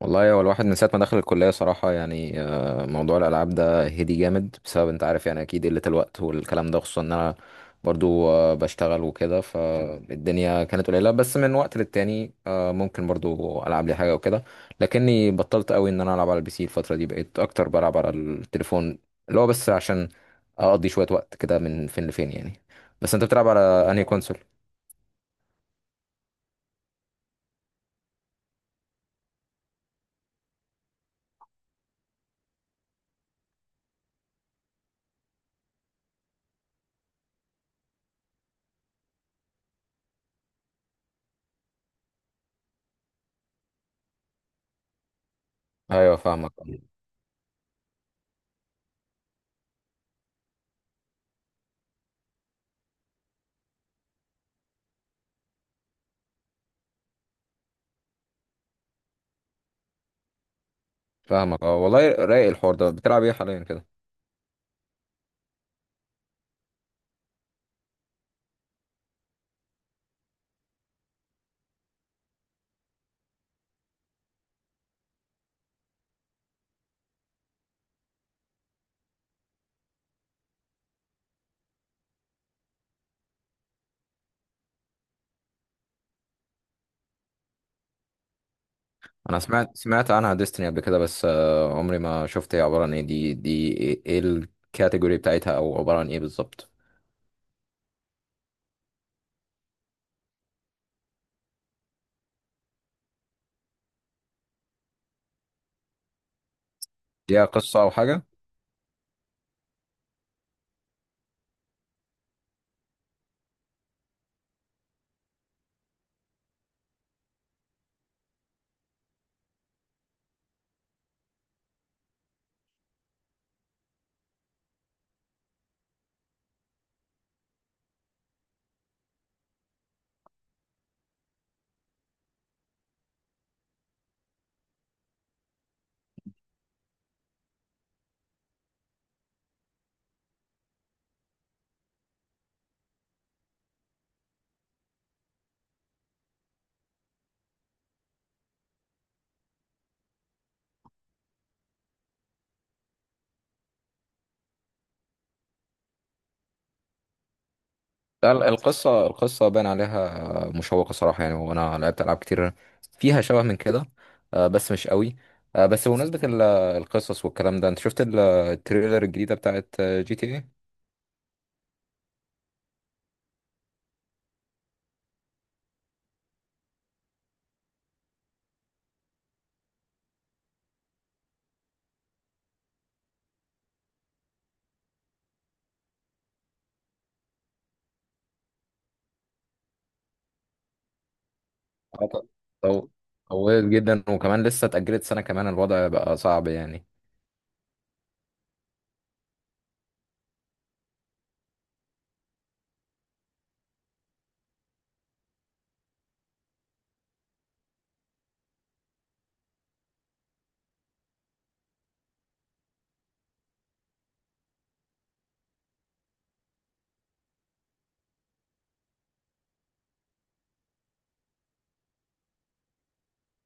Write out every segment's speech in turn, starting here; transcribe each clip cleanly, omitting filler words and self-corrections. والله هو الواحد من ساعة ما دخل الكلية صراحة، يعني موضوع الألعاب ده هدي جامد بسبب أنت عارف، يعني أكيد قلة الوقت والكلام ده، خصوصا إن أنا برضو بشتغل وكده، فالدنيا كانت قليلة، بس من وقت للتاني ممكن برضو ألعب لي حاجة وكده. لكني بطلت قوي إن أنا ألعب على البي سي، الفترة دي بقيت أكتر بلعب على التليفون، اللي هو بس عشان أقضي شوية وقت كده من فين لفين يعني. بس أنت بتلعب على أنهي كونسول؟ أيوه، فاهمك. فاهمك، أه، والله رايق الحوار ده. بتلعب إيه حاليا كده؟ انا سمعت عنها ديستني قبل كده، بس عمري ما شفت هي عبارة عن ايه. دي إيه الكاتيجوري بتاعتها، او عبارة عن ايه بالظبط؟ ليها قصة او حاجة؟ لا، القصة باين عليها مشوقة صراحة، يعني وانا لعبت العاب كتير فيها شبه من كده، بس مش قوي. بس بمناسبة القصص والكلام ده، انت شفت التريلر الجديدة بتاعت جي تي ايه؟ طولت جدا وكمان لسه اتأجلت سنة كمان، الوضع بقى صعب يعني.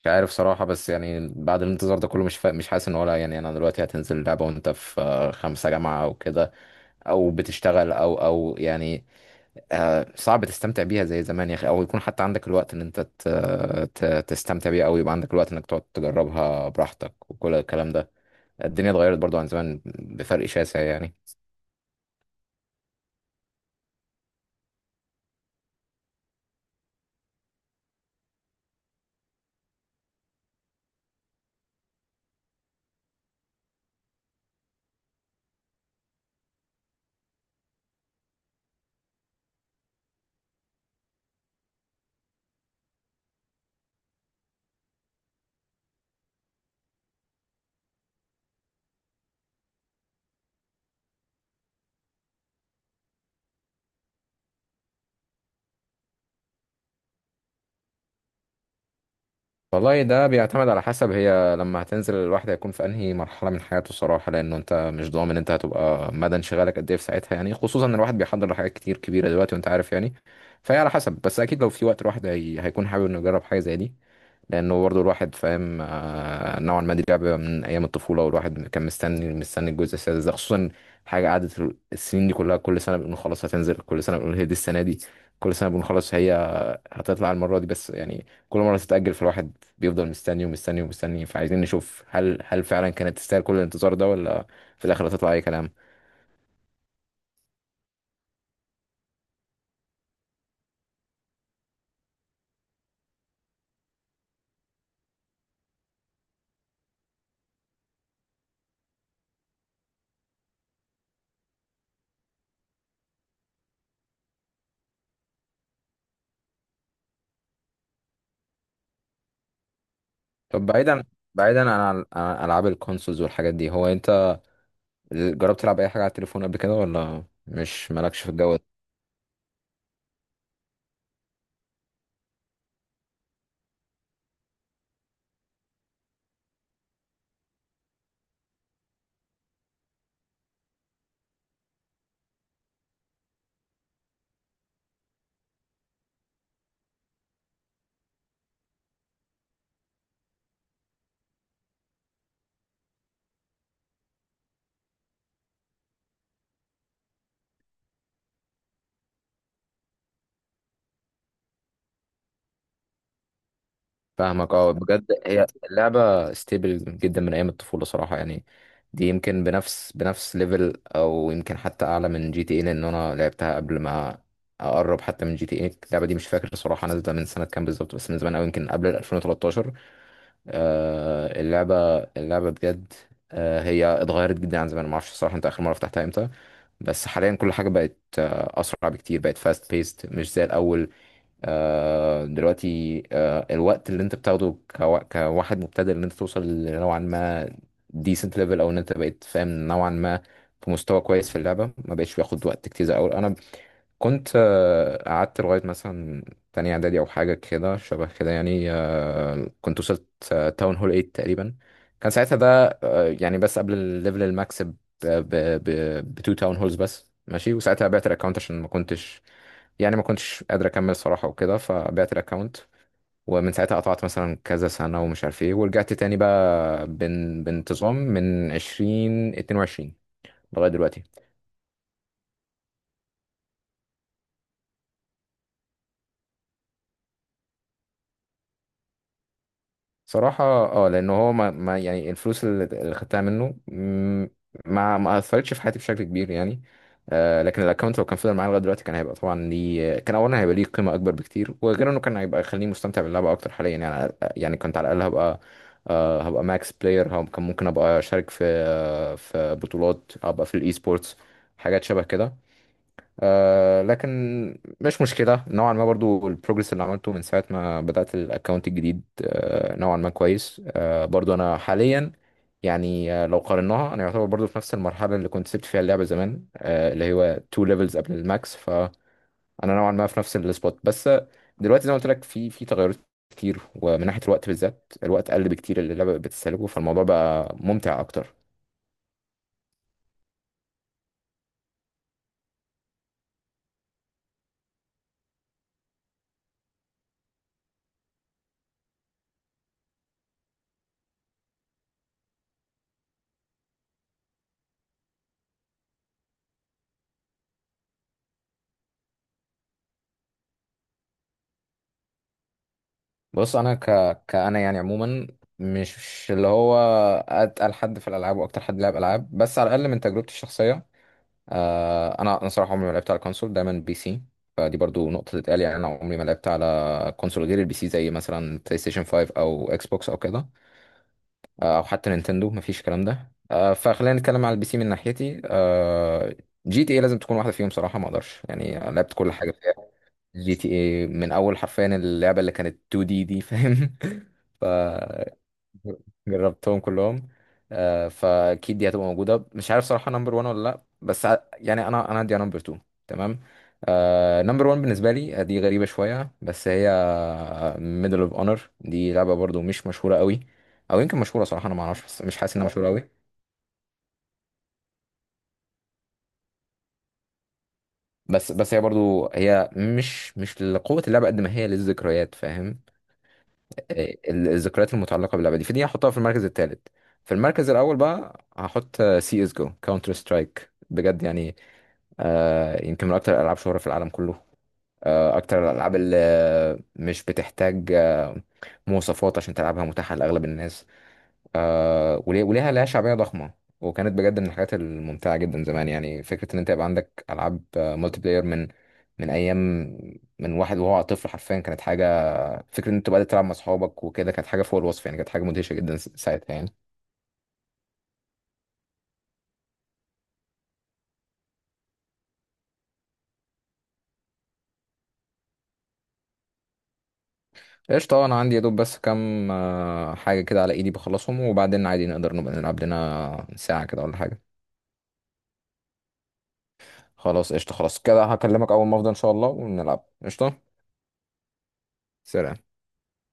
مش عارف صراحة، بس يعني بعد الانتظار ده كله مش حاسس ان ولا، يعني انا دلوقتي هتنزل اللعبة وانت في خمسة جامعة او كده، او بتشتغل، او يعني صعب تستمتع بيها زي زمان يا اخي، او يكون حتى عندك الوقت ان انت تستمتع بيها، او يبقى عندك الوقت انك تقعد تجربها براحتك وكل الكلام ده. الدنيا اتغيرت برضو عن زمان بفرق شاسع يعني. والله ده بيعتمد على حسب هي لما هتنزل الواحد هيكون في انهي مرحله من حياته الصراحه، لانه انت مش ضامن انت هتبقى مدى انشغالك قد ايه في ساعتها، يعني خصوصا ان الواحد بيحضر لحاجات كتير كبيره دلوقتي وانت عارف يعني. فهي على حسب، بس اكيد لو في وقت الواحد هيكون حابب انه يجرب حاجه زي دي. لانه برضه الواحد فاهم نوعا ما دي لعبه من ايام الطفوله، والواحد كان مستني الجزء السادس ده خصوصا. حاجه قعدت السنين دي كلها، كل سنه بنقول خلاص هتنزل، كل سنه بنقول هي دي السنه دي، كل سنه بنقول خلاص هي هتطلع المرة دي، بس يعني كل مرة تتأجل فالواحد بيفضل مستني ومستني ومستني. فعايزين نشوف هل فعلا كانت تستاهل كل الانتظار ده، ولا في الآخر هتطلع أي كلام. طب بعيدا عن ألعاب الكونسولز والحاجات دي، هو أنت جربت تلعب أي حاجة على التليفون قبل كده، ولا مش مالكش في الجو ده؟ فاهمك. اه بجد هي اللعبة ستيبل جدا من أيام الطفولة صراحة يعني. دي يمكن بنفس ليفل، أو يمكن حتى أعلى من جي تي اي، لأن أنا لعبتها قبل ما، أقرب حتى من جي تي اي. اللعبة دي مش فاكر صراحة نازلة من سنة كام بالظبط، بس من زمان أوي، يمكن قبل ال 2013. اللعبة بجد. هي اتغيرت جدا عن زمان، معرفش صراحة أنت آخر مرة فتحتها إمتى، بس حاليا كل حاجة بقت أسرع بكتير، بقت فاست بيست مش زي الأول. دلوقتي الوقت اللي انت بتاخده كواحد مبتدئ ان انت توصل نوعا ما decent level، او ان انت بقيت فاهم نوعا ما في مستوى كويس في اللعبه، ما بقتش بياخد وقت كتير زي الاول. انا كنت قعدت لغاية مثلا تانية إعدادي أو حاجة كده شبه كده يعني، كنت وصلت تاون هول 8 تقريبا، كان ساعتها ده يعني بس قبل الليفل الماكس ب ب ب بتو تاون هولز بس، ماشي. وساعتها بعت الأكونت عشان ما كنتش، يعني ما كنتش قادر أكمل صراحة وكده فبعت الأكونت، ومن ساعتها قطعت مثلا كذا سنة ومش عارف ايه، ورجعت تاني بقى بانتظام من عشرين اتنين وعشرين لغاية دلوقتي. صراحة اه، لأن هو ما, ما يعني الفلوس اللي خدتها منه، ما أثرتش في حياتي بشكل كبير يعني. لكن الأكونت لو كان فضل معايا لغاية دلوقتي كان هيبقى طبعا ليه، كان أولا هيبقى ليه قيمة أكبر بكتير، وغير إنه كان هيبقى يخليني مستمتع باللعبة أكتر حاليا يعني. يعني كنت على الأقل هبقى هبقى ماكس بلاير، كان ممكن أبقى أشارك في بطولات، أبقى في الإي سبورتس، حاجات شبه كده. لكن مش مشكلة نوعا ما برضو، البروجرس اللي عملته من ساعة ما بدأت الاكونت الجديد نوعا ما كويس. برضو أنا حاليا، يعني لو قارناها أنا يعتبر برضو في نفس المرحلة اللي كنت سبت فيها اللعبة زمان، اللي هو تو ليفلز قبل الماكس، فأنا نوعا ما في نفس السبوت. بس دلوقتي زي ما قلت لك في تغيرات كتير، ومن ناحية الوقت بالذات الوقت قل بكتير اللي اللعبة بتستهلكه، فالموضوع بقى ممتع أكتر. بص انا كأنا يعني عموما، مش اللي هو اتقل حد في الالعاب واكتر حد لعب العاب، بس على الاقل من تجربتي الشخصيه، انا صراحه عمري ما لعبت على كونسول، دايما بي سي. فدي برضو نقطه تتقال، يعني انا عمري ما لعبت على كونسول غير البي سي، زي مثلا بلاي ستيشن 5 او اكس بوكس او كده، او حتى نينتندو، مفيش الكلام ده. فخلينا نتكلم على البي سي من ناحيتي. جي تي اي لازم تكون واحده فيهم صراحه، ما اقدرش يعني، لعبت كل حاجه فيها. جي تي اي من اول حرفيا اللعبه اللي كانت 2 دي، دي فاهم. ف جربتهم كلهم. فاكيد دي هتبقى موجوده، مش عارف صراحه نمبر 1 ولا لا، بس يعني انا عندي نمبر 2. تمام. نمبر 1 بالنسبه لي دي غريبه شويه، بس هي ميدل اوف اونر. دي لعبه برضو مش مشهوره قوي، او يمكن مشهوره صراحه انا ما اعرفش، بس مش حاسس انها مشهوره قوي. بس هي برضو هي مش لقوه اللعبه قد ما هي للذكريات، فاهم. الذكريات المتعلقه باللعبه دي، فدي هحطها في المركز الثالث. في المركز الاول بقى هحط سي اس جو، كاونتر سترايك بجد يعني. يمكن من اكتر الالعاب شهره في العالم كله. اكتر الالعاب اللي مش بتحتاج مواصفات عشان تلعبها، متاحه لاغلب الناس، وليها شعبيه ضخمه. وكانت بجد من الحاجات الممتعه جدا زمان. يعني فكره ان انت يبقى عندك العاب مالتي بلاير من ايام، من واحد وهو طفل حرفيا، كانت حاجه. فكرة ان انت بقى تلعب مع اصحابك وكده كانت حاجة فوق الوصف، يعني كانت حاجة مدهشة جدا ساعتها يعني. قشطة. انا عندي يا دوب بس كام حاجة كده على ايدي، بخلصهم وبعدين عادي نقدر نبقى نلعب لنا ساعة كده ولا حاجة. خلاص قشطة، خلاص كده هكلمك اول ما افضى ان شاء الله ونلعب، قشطة. سلام.